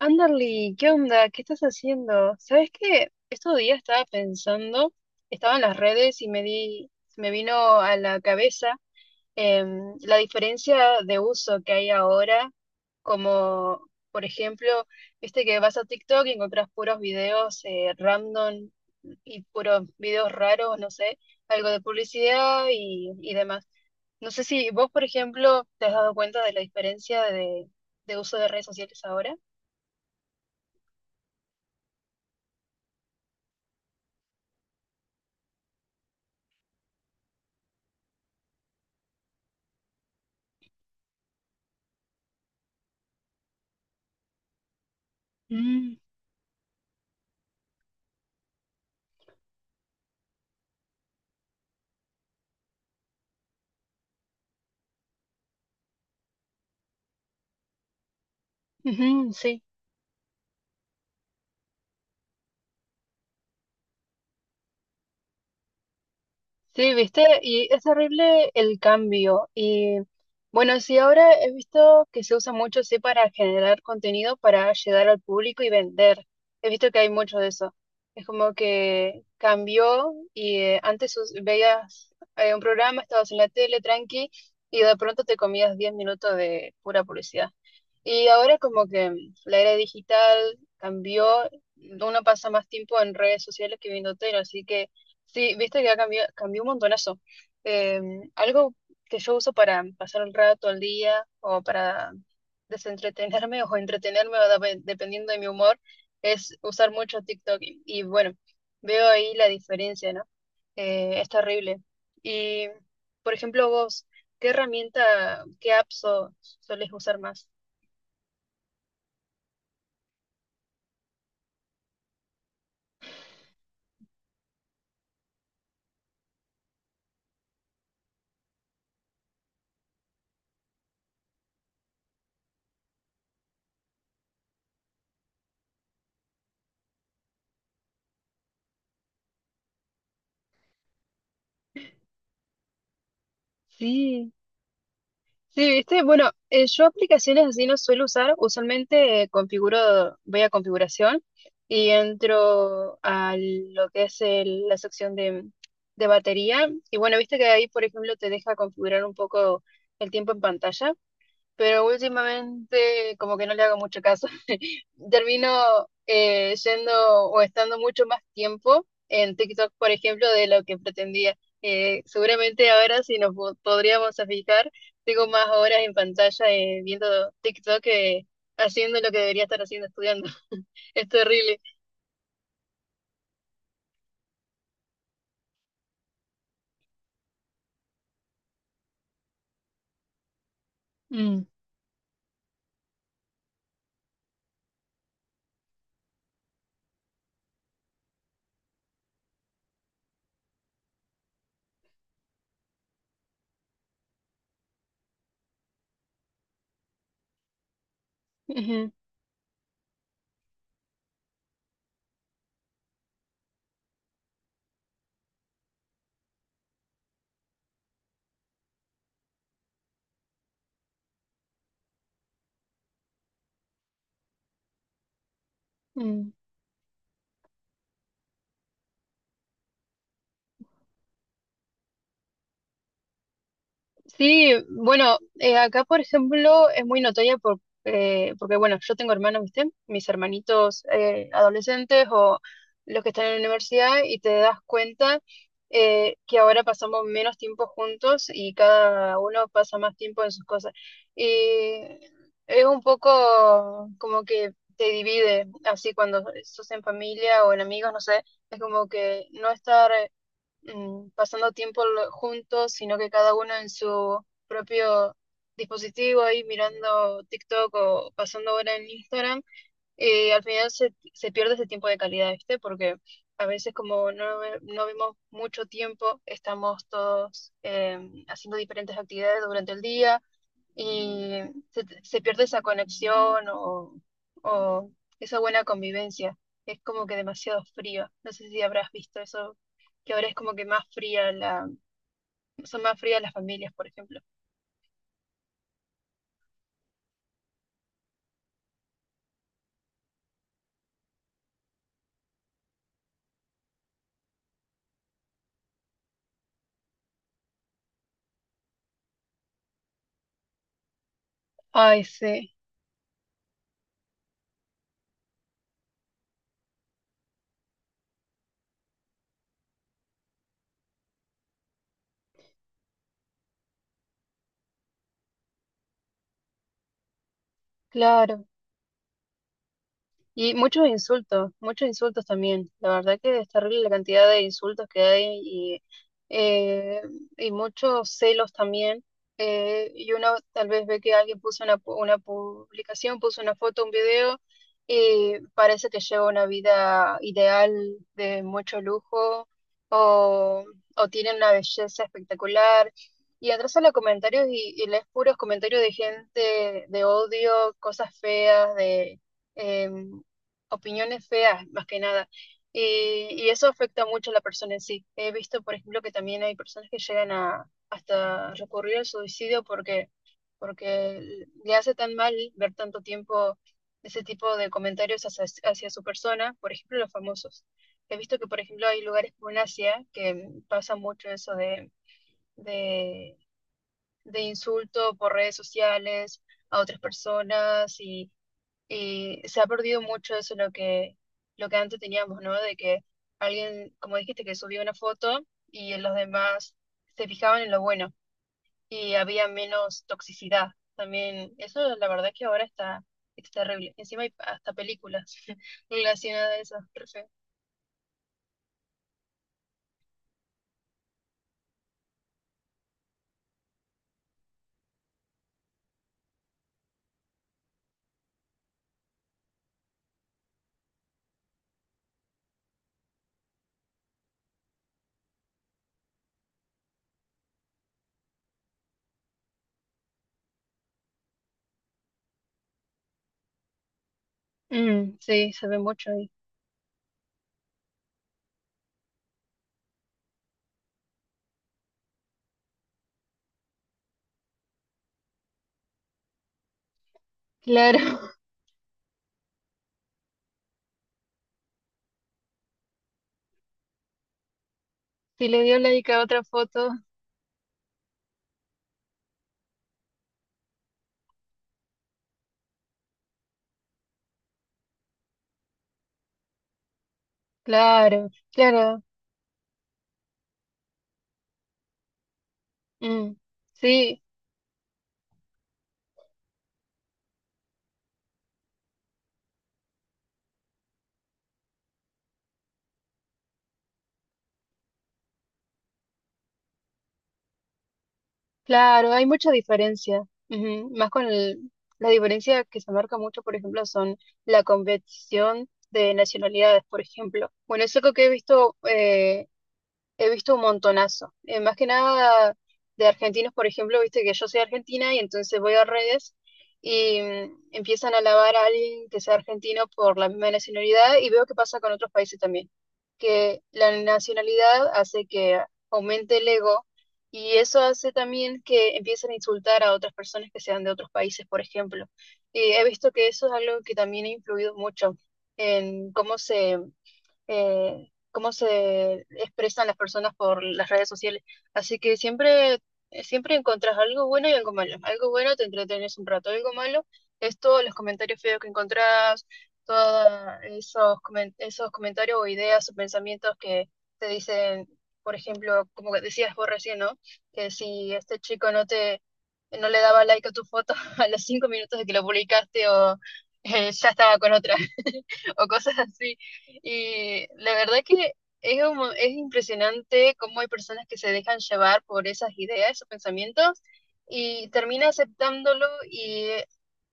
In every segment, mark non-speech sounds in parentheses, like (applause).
Anderly, ¿qué onda? ¿Qué estás haciendo? ¿Sabes qué? Estos días estaba pensando, estaba en las redes y me di, me vino a la cabeza la diferencia de uso que hay ahora, como por ejemplo, viste que vas a TikTok y encontrás puros videos random y puros videos raros, no sé, algo de publicidad y demás. No sé si vos, por ejemplo, te has dado cuenta de la diferencia de uso de redes sociales ahora. Ujú, sí, sí, viste, y es horrible el cambio. Y bueno, sí, ahora he visto que se usa mucho, sí, para generar contenido, para llegar al público y vender. He visto que hay mucho de eso. Es como que cambió y antes veías un programa, estabas en la tele tranqui y de pronto te comías 10 minutos de pura publicidad. Y ahora como que la era digital cambió, uno pasa más tiempo en redes sociales que viendo tele, así que sí, viste que ha cambiado, cambió un montonazo. Eh, Algo que yo uso para pasar el rato, el día, o para desentretenerme (laughs) o entretenerme, o dependiendo de mi humor, es usar mucho TikTok. Y bueno, veo ahí la diferencia, ¿no? Es terrible. Y, por ejemplo, vos, ¿qué herramienta, qué apps solés usar más? Sí. Sí, viste, bueno, yo aplicaciones así no suelo usar, usualmente configuro, voy a configuración y entro a lo que es la sección de batería. Y bueno, viste que ahí, por ejemplo, te deja configurar un poco el tiempo en pantalla, pero últimamente como que no le hago mucho caso. (laughs) Termino yendo o estando mucho más tiempo en TikTok, por ejemplo, de lo que pretendía. Seguramente ahora, si nos podríamos a fijar, tengo más horas en pantalla viendo TikTok que haciendo lo que debería estar haciendo, estudiando. (laughs) Es terrible. Mm, ujú, mm. Sí, bueno, acá por ejemplo es muy notoria por, porque bueno, yo tengo hermanos, ¿viste? Mis hermanitos adolescentes o los que están en la universidad, y te das cuenta que ahora pasamos menos tiempo juntos y cada uno pasa más tiempo en sus cosas. Y es un poco como que te divide, así cuando sos en familia o en amigos, no sé, es como que no estar pasando tiempo juntos, sino que cada uno en su propio dispositivo ahí mirando TikTok o pasando hora en Instagram, al final se pierde ese tiempo de calidad, ¿viste? Porque a veces como no, no vemos mucho tiempo, estamos todos haciendo diferentes actividades durante el día, y se pierde esa conexión o esa buena convivencia. Es como que demasiado fría. No sé si habrás visto eso, que ahora es como que más fría la, son más frías las familias, por ejemplo. Ay, sí, claro. Y muchos insultos también. La verdad que es terrible la cantidad de insultos que hay eh, y muchos celos también. Y uno tal vez ve que alguien puso una, una publicación, puso una foto, un video, y parece que lleva una vida ideal de mucho lujo, o, o tiene una belleza espectacular. Y entras a los comentarios y lees puros comentarios de gente de odio, cosas feas, de... em, opiniones feas, más que nada. Y, y eso afecta mucho a la persona en sí. He visto, por ejemplo, que también hay personas que llegan a hasta recurrir al suicidio porque, porque le hace tan mal ver tanto tiempo ese tipo de comentarios hacia, hacia su persona, por ejemplo, los famosos. He visto que, por ejemplo, hay lugares como en Asia que pasa mucho eso de, de insulto por redes sociales a otras personas, y se ha perdido mucho eso lo que antes teníamos, ¿no? De que alguien, como dijiste, que subía una foto y los demás se fijaban en lo bueno y había menos toxicidad. También eso la verdad que ahora está, está terrible. Encima hay hasta películas (laughs) relacionadas a eso. Re feo. Mm, sí, se ve mucho ahí. Claro. (laughs) Si le dio like a otra foto, claro, claro. Mm, sí, claro, hay mucha diferencia. Ujú. Más con la diferencia que se marca mucho, por ejemplo, son la competición de nacionalidades, por ejemplo. Bueno, es algo que he visto he visto un montonazo. Más que nada de argentinos, por ejemplo, viste que yo soy argentina y entonces voy a redes y empiezan a alabar a alguien que sea argentino por la misma nacionalidad, y veo que pasa con otros países también, que la nacionalidad hace que aumente el ego, y eso hace también que empiecen a insultar a otras personas que sean de otros países, por ejemplo. Y he visto que eso es algo que también ha influido mucho en cómo se expresan las personas por las redes sociales. Así que siempre, siempre encontrás algo bueno y algo malo. Algo bueno te entretenes un rato, algo malo es todos los comentarios feos que encontrás, todos esos, esos comentarios o ideas o pensamientos que te dicen, por ejemplo, como que decías vos recién, ¿no? Que si este chico no te... no le daba like a tu foto (laughs) a los 5 minutos de que lo publicaste, o ya estaba con otra (laughs) o cosas así. Y la verdad que es, es impresionante cómo hay personas que se dejan llevar por esas ideas, esos pensamientos, y termina aceptándolo,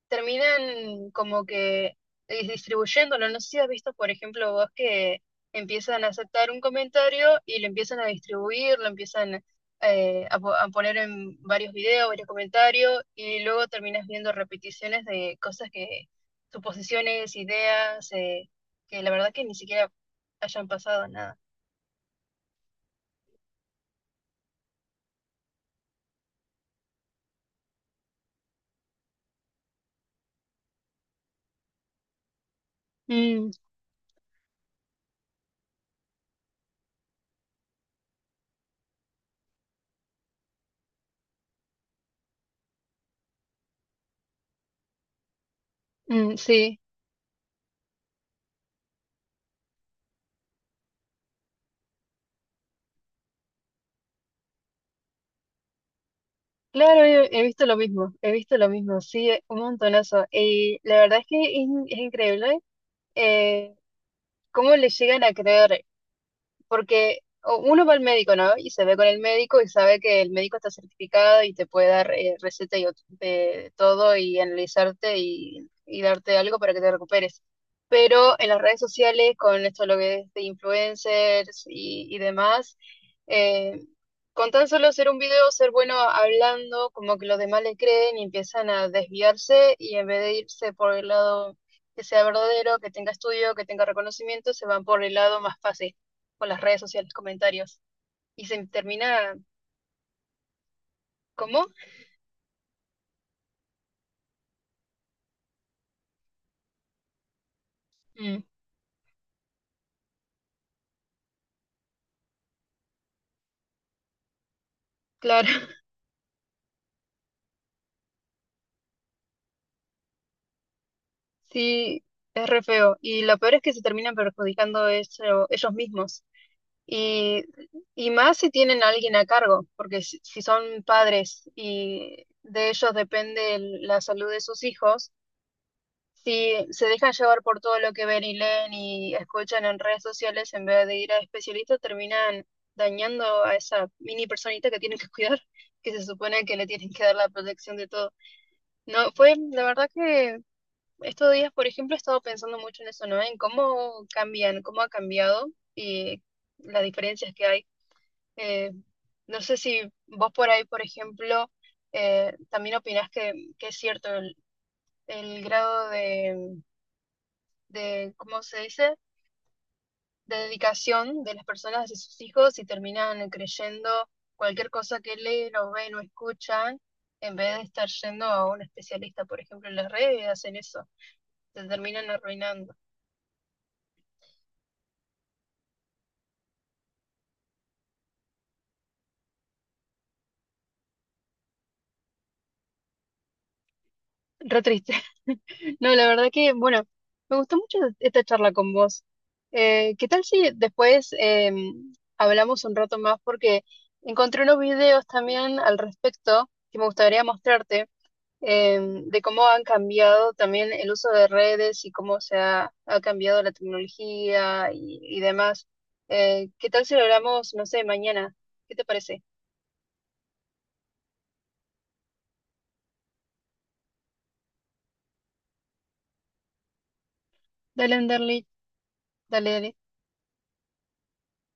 terminan como que distribuyéndolo. No sé si has visto, por ejemplo, vos, que empiezan a aceptar un comentario y lo empiezan a distribuir, lo empiezan a a poner en varios videos, varios comentarios, y luego terminas viendo repeticiones de cosas que, suposiciones, ideas, que la verdad que ni siquiera hayan pasado nada. Mm, mm, sí, claro, he, he visto lo mismo, he visto lo mismo, sí, un montonazo. Y la verdad es que es, es increíble. ¿Cómo le llegan a creer? Porque uno va al médico, ¿no? Y se ve con el médico y sabe que el médico está certificado y te puede dar receta y de todo y analizarte y darte algo para que te recuperes. Pero en las redes sociales, con esto lo que es de influencers y demás, eh, con tan solo hacer un video, ser bueno hablando, como que los demás le creen y empiezan a desviarse y en vez de irse por el lado que sea verdadero, que tenga estudio, que tenga reconocimiento, se van por el lado más fácil con las redes sociales, comentarios. Y se termina, ¿cómo? Mm, claro. (laughs) Sí, es re feo. Y lo peor es que se terminan perjudicando ellos mismos. Y, y más si tienen a alguien a cargo, porque si, si son padres y de ellos depende la salud de sus hijos, si se dejan llevar por todo lo que ven y leen y escuchan en redes sociales, en vez de ir a especialistas, terminan dañando a esa mini personita que tienen que cuidar, (laughs) que se supone que le tienen que dar la protección de todo. No, fue, la verdad que estos días, por ejemplo, he estado pensando mucho en eso, ¿no? En cómo cambian, cómo ha cambiado y las diferencias que hay. Eh, no sé si vos por ahí, por ejemplo, también opinás que es cierto el grado de, ¿cómo se dice? De dedicación de las personas hacia sus hijos y terminan creyendo cualquier cosa que leen o ven o escuchan, en vez de estar yendo a un especialista, por ejemplo, en las redes hacen eso, se terminan arruinando. Re triste. (laughs) No, la verdad que, bueno, me gustó mucho esta charla con vos. ¿Qué tal si después hablamos un rato más? Porque encontré unos videos también al respecto que me gustaría mostrarte. De cómo han cambiado también el uso de redes y cómo se ha, ha cambiado la tecnología y demás. ¿Qué tal si lo hablamos, no sé, mañana? ¿Qué te parece? Dale, Anderly, dale, dale.